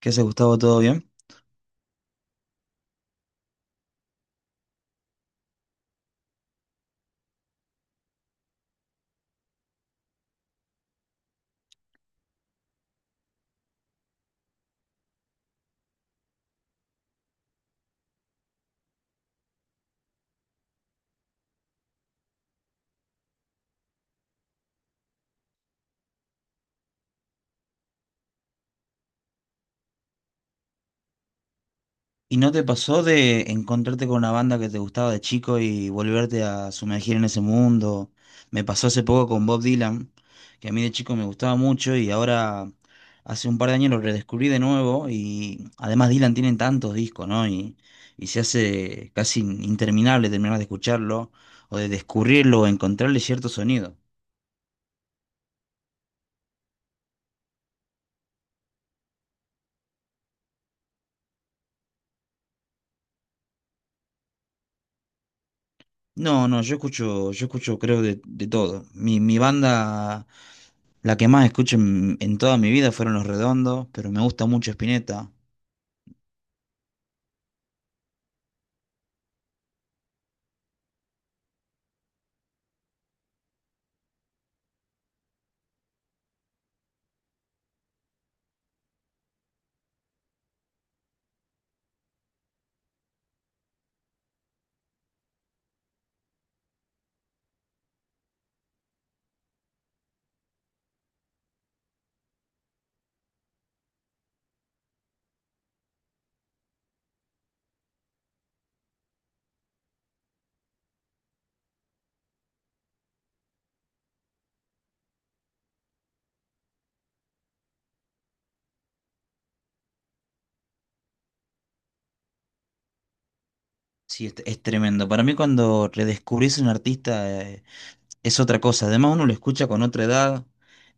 ¿Qué haces, Gustavo? ¿Todo bien? ¿Y no te pasó de encontrarte con una banda que te gustaba de chico y volverte a sumergir en ese mundo? Me pasó hace poco con Bob Dylan, que a mí de chico me gustaba mucho y ahora hace un par de años lo redescubrí de nuevo y además Dylan tiene tantos discos, ¿no? Y se hace casi interminable terminar de escucharlo o de descubrirlo o encontrarle cierto sonido. No, no, yo escucho creo de todo. Mi banda, la que más escucho en toda mi vida fueron Los Redondos, pero me gusta mucho Spinetta. Sí, es tremendo. Para mí cuando redescubrís un artista es otra cosa. Además uno lo escucha con otra edad.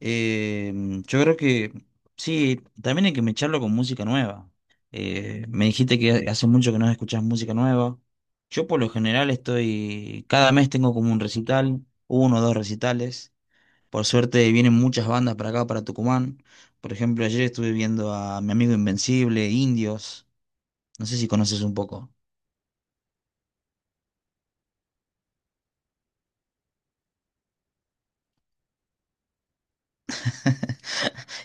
Eh, yo creo que sí, también hay que mecharlo con música nueva. Me dijiste que hace mucho que no escuchás música nueva. Yo por lo general estoy, cada mes tengo como un recital, uno o dos recitales. Por suerte vienen muchas bandas para acá, para Tucumán. Por ejemplo, ayer estuve viendo a Mi Amigo Invencible, Indios. No sé si conoces un poco.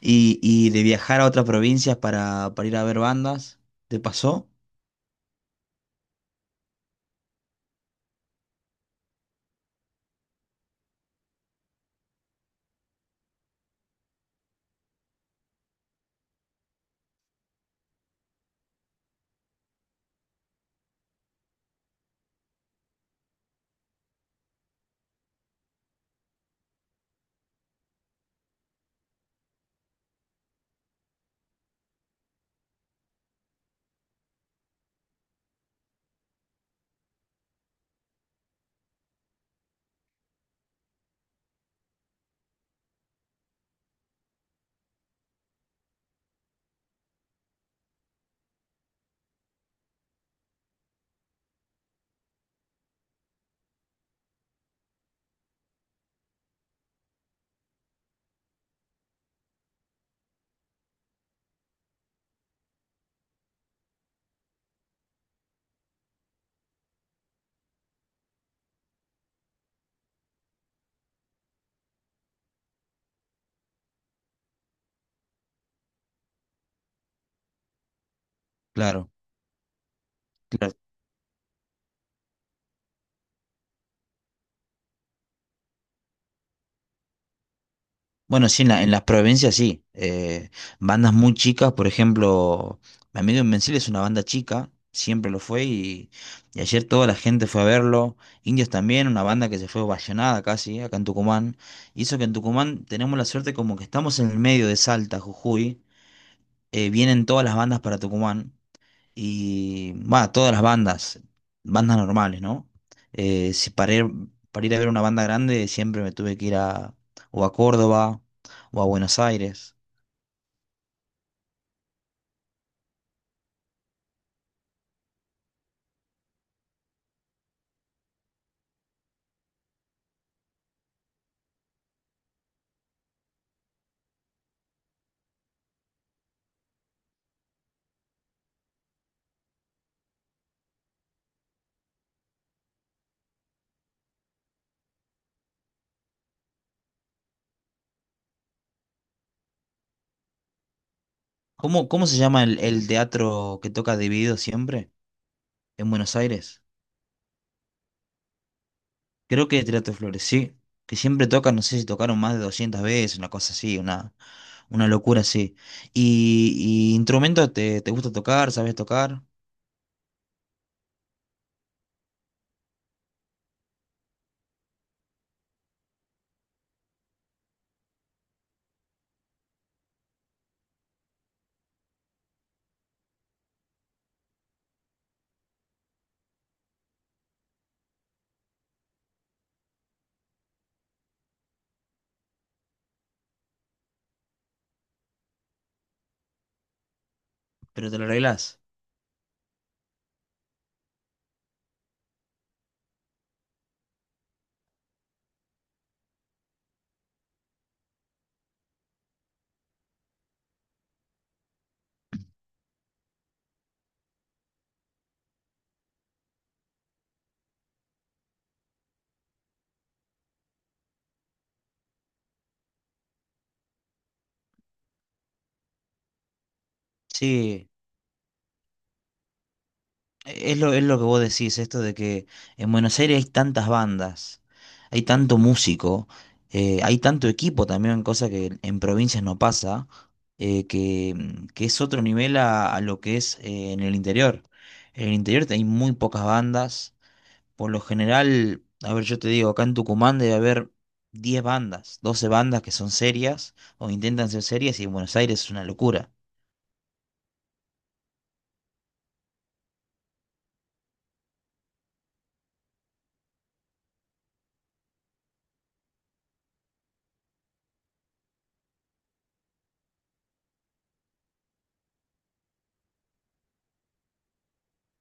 Y de viajar a otras provincias para ir a ver bandas. ¿Te pasó? Claro. Claro. Bueno, sí, en en las provincias sí. Bandas muy chicas, por ejemplo, Mi Amigo Invencible es una banda chica, siempre lo fue y ayer toda la gente fue a verlo. Indios también, una banda que se fue ovacionada casi, acá en Tucumán. Hizo que en Tucumán tenemos la suerte como que estamos en el medio de Salta, Jujuy, vienen todas las bandas para Tucumán. Y va, todas las bandas, bandas normales, ¿no? Si para ir a ver una banda grande siempre me tuve que ir a, o a Córdoba o a Buenos Aires. ¿Cómo se llama el teatro que toca Dividido siempre en Buenos Aires? Creo que Teatro Flores, sí. Que siempre tocan, no sé si tocaron más de 200 veces, una cosa así, una locura así. Y instrumento te gusta tocar, sabes tocar, pero te lo arreglás? Sí. Es lo que vos decís, esto de que en Buenos Aires hay tantas bandas, hay tanto músico, hay tanto equipo también, cosa que en provincias no pasa, que es otro nivel a lo que es en el interior. En el interior hay muy pocas bandas, por lo general, a ver, yo te digo, acá en Tucumán debe haber 10 bandas, 12 bandas que son serias o intentan ser serias y en Buenos Aires es una locura.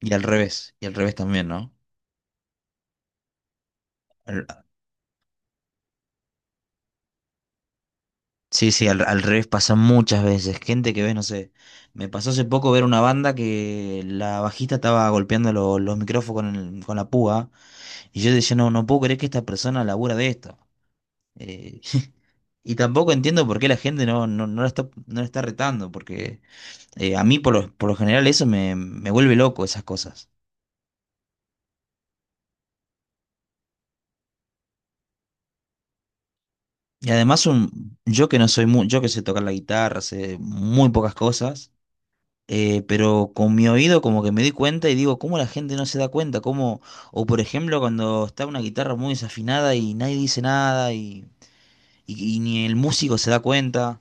Y al revés también, ¿no? Al, Sí, sí, al revés pasa muchas veces. Gente que ves, no sé. Me pasó hace poco ver una banda que la bajista estaba golpeando los micrófonos con, con la púa. Y yo decía, no, no puedo creer que esta persona labura de esto. Eh, y tampoco entiendo por qué la gente no, no, no la está, no la está retando. Porque a mí, por lo general, eso me vuelve loco, esas cosas. Y además, un, yo que no soy muy, yo que sé tocar la guitarra, sé muy pocas cosas. Pero con mi oído como que me di cuenta y digo, ¿cómo la gente no se da cuenta? ¿Cómo? O por ejemplo, cuando está una guitarra muy desafinada y nadie dice nada y, y ni el músico se da cuenta.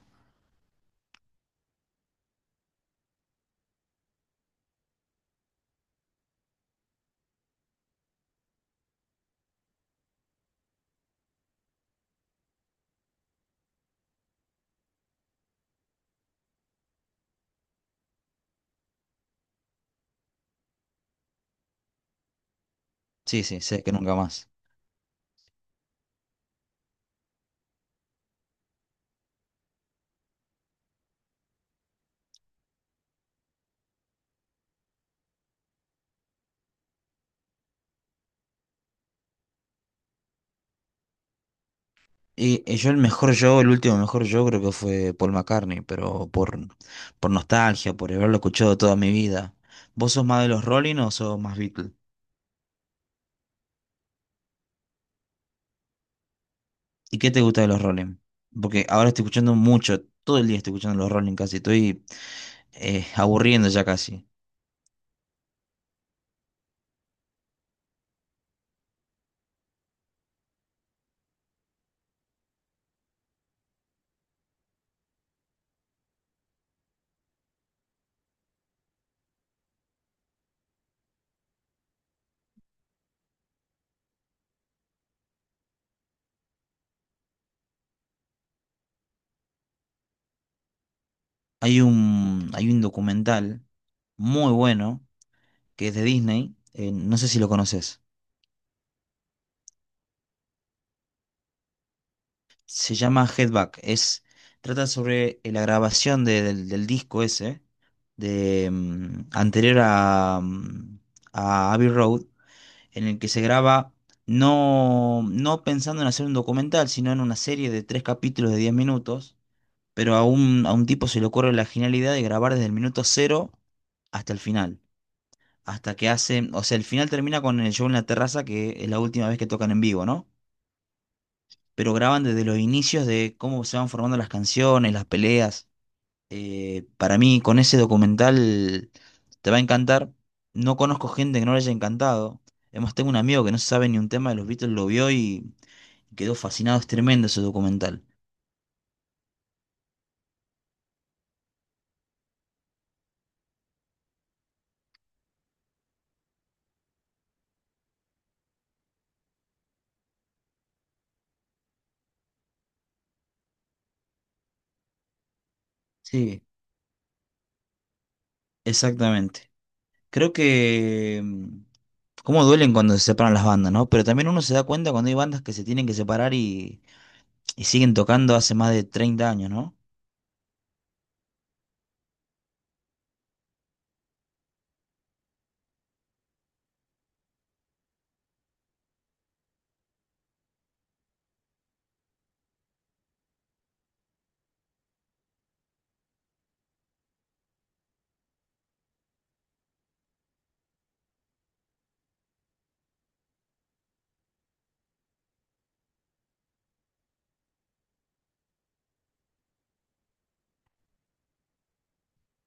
Sí, sí, sé que nunca más. Y yo el mejor yo, El último mejor yo creo que fue Paul McCartney, pero por nostalgia, por haberlo escuchado toda mi vida. ¿Vos sos más de los Rolling o sos más Beatles? ¿Y qué te gusta de los Rolling? Porque ahora estoy escuchando mucho, todo el día estoy escuchando los Rolling casi, estoy aburriendo ya casi. Hay un documental muy bueno que es de Disney, no sé si lo conoces. Se llama Headback. Es, trata sobre la grabación del disco ese, de, anterior a, a Abbey Road, en el que se graba no, no pensando en hacer un documental, sino en una serie de tres capítulos de 10 minutos, pero a un tipo se le ocurre la genialidad de grabar desde el minuto cero hasta el final. Hasta que hacen, o sea, el final termina con el show en la terraza, que es la última vez que tocan en vivo, ¿no? Pero graban desde los inicios de cómo se van formando las canciones, las peleas. Para mí, con ese documental te va a encantar. No conozco gente que no le haya encantado. Además, tengo un amigo que no sabe ni un tema de los Beatles, lo vio y quedó fascinado. Es tremendo ese documental. Sí, exactamente. Creo que cómo duelen cuando se separan las bandas, ¿no? Pero también uno se da cuenta cuando hay bandas que se tienen que separar y siguen tocando hace más de 30 años, ¿no?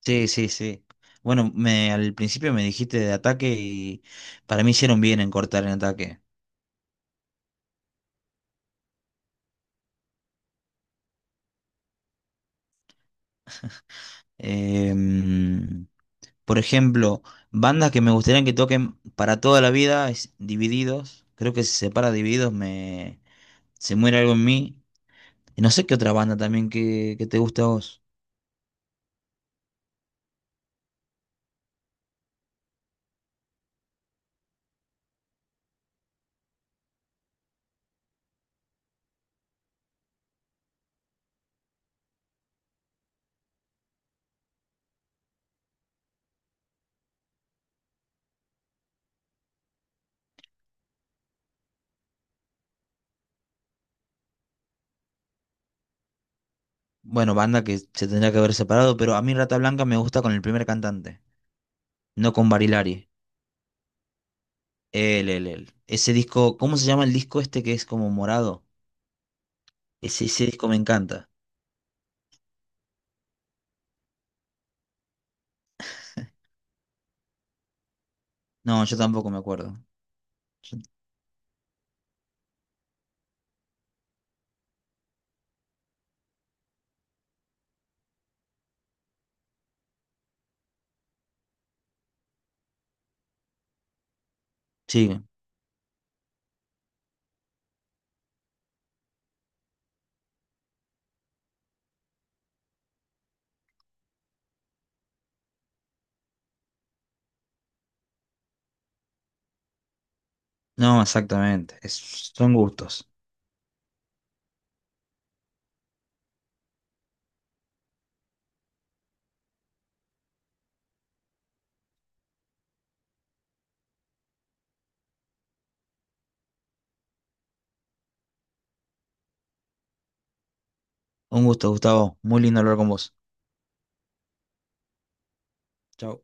Sí, sí, sí. Bueno, me, al principio me dijiste de ataque y para mí hicieron bien en cortar en ataque. Em, por ejemplo, bandas que me gustaría que toquen para toda la vida es Divididos. Creo que si se separa Divididos se muere algo en mí. Y no sé qué otra banda también que te gusta a vos. Bueno, banda que se tendría que haber separado, pero a mí Rata Blanca me gusta con el primer cantante, no con Barilari. El Ese disco, ¿cómo se llama el disco este que es como morado? Ese disco me encanta. No, yo tampoco me acuerdo. Yo- Sí, no, exactamente. Es- son gustos. Un gusto, Gustavo. Muy lindo hablar con vos. Chao.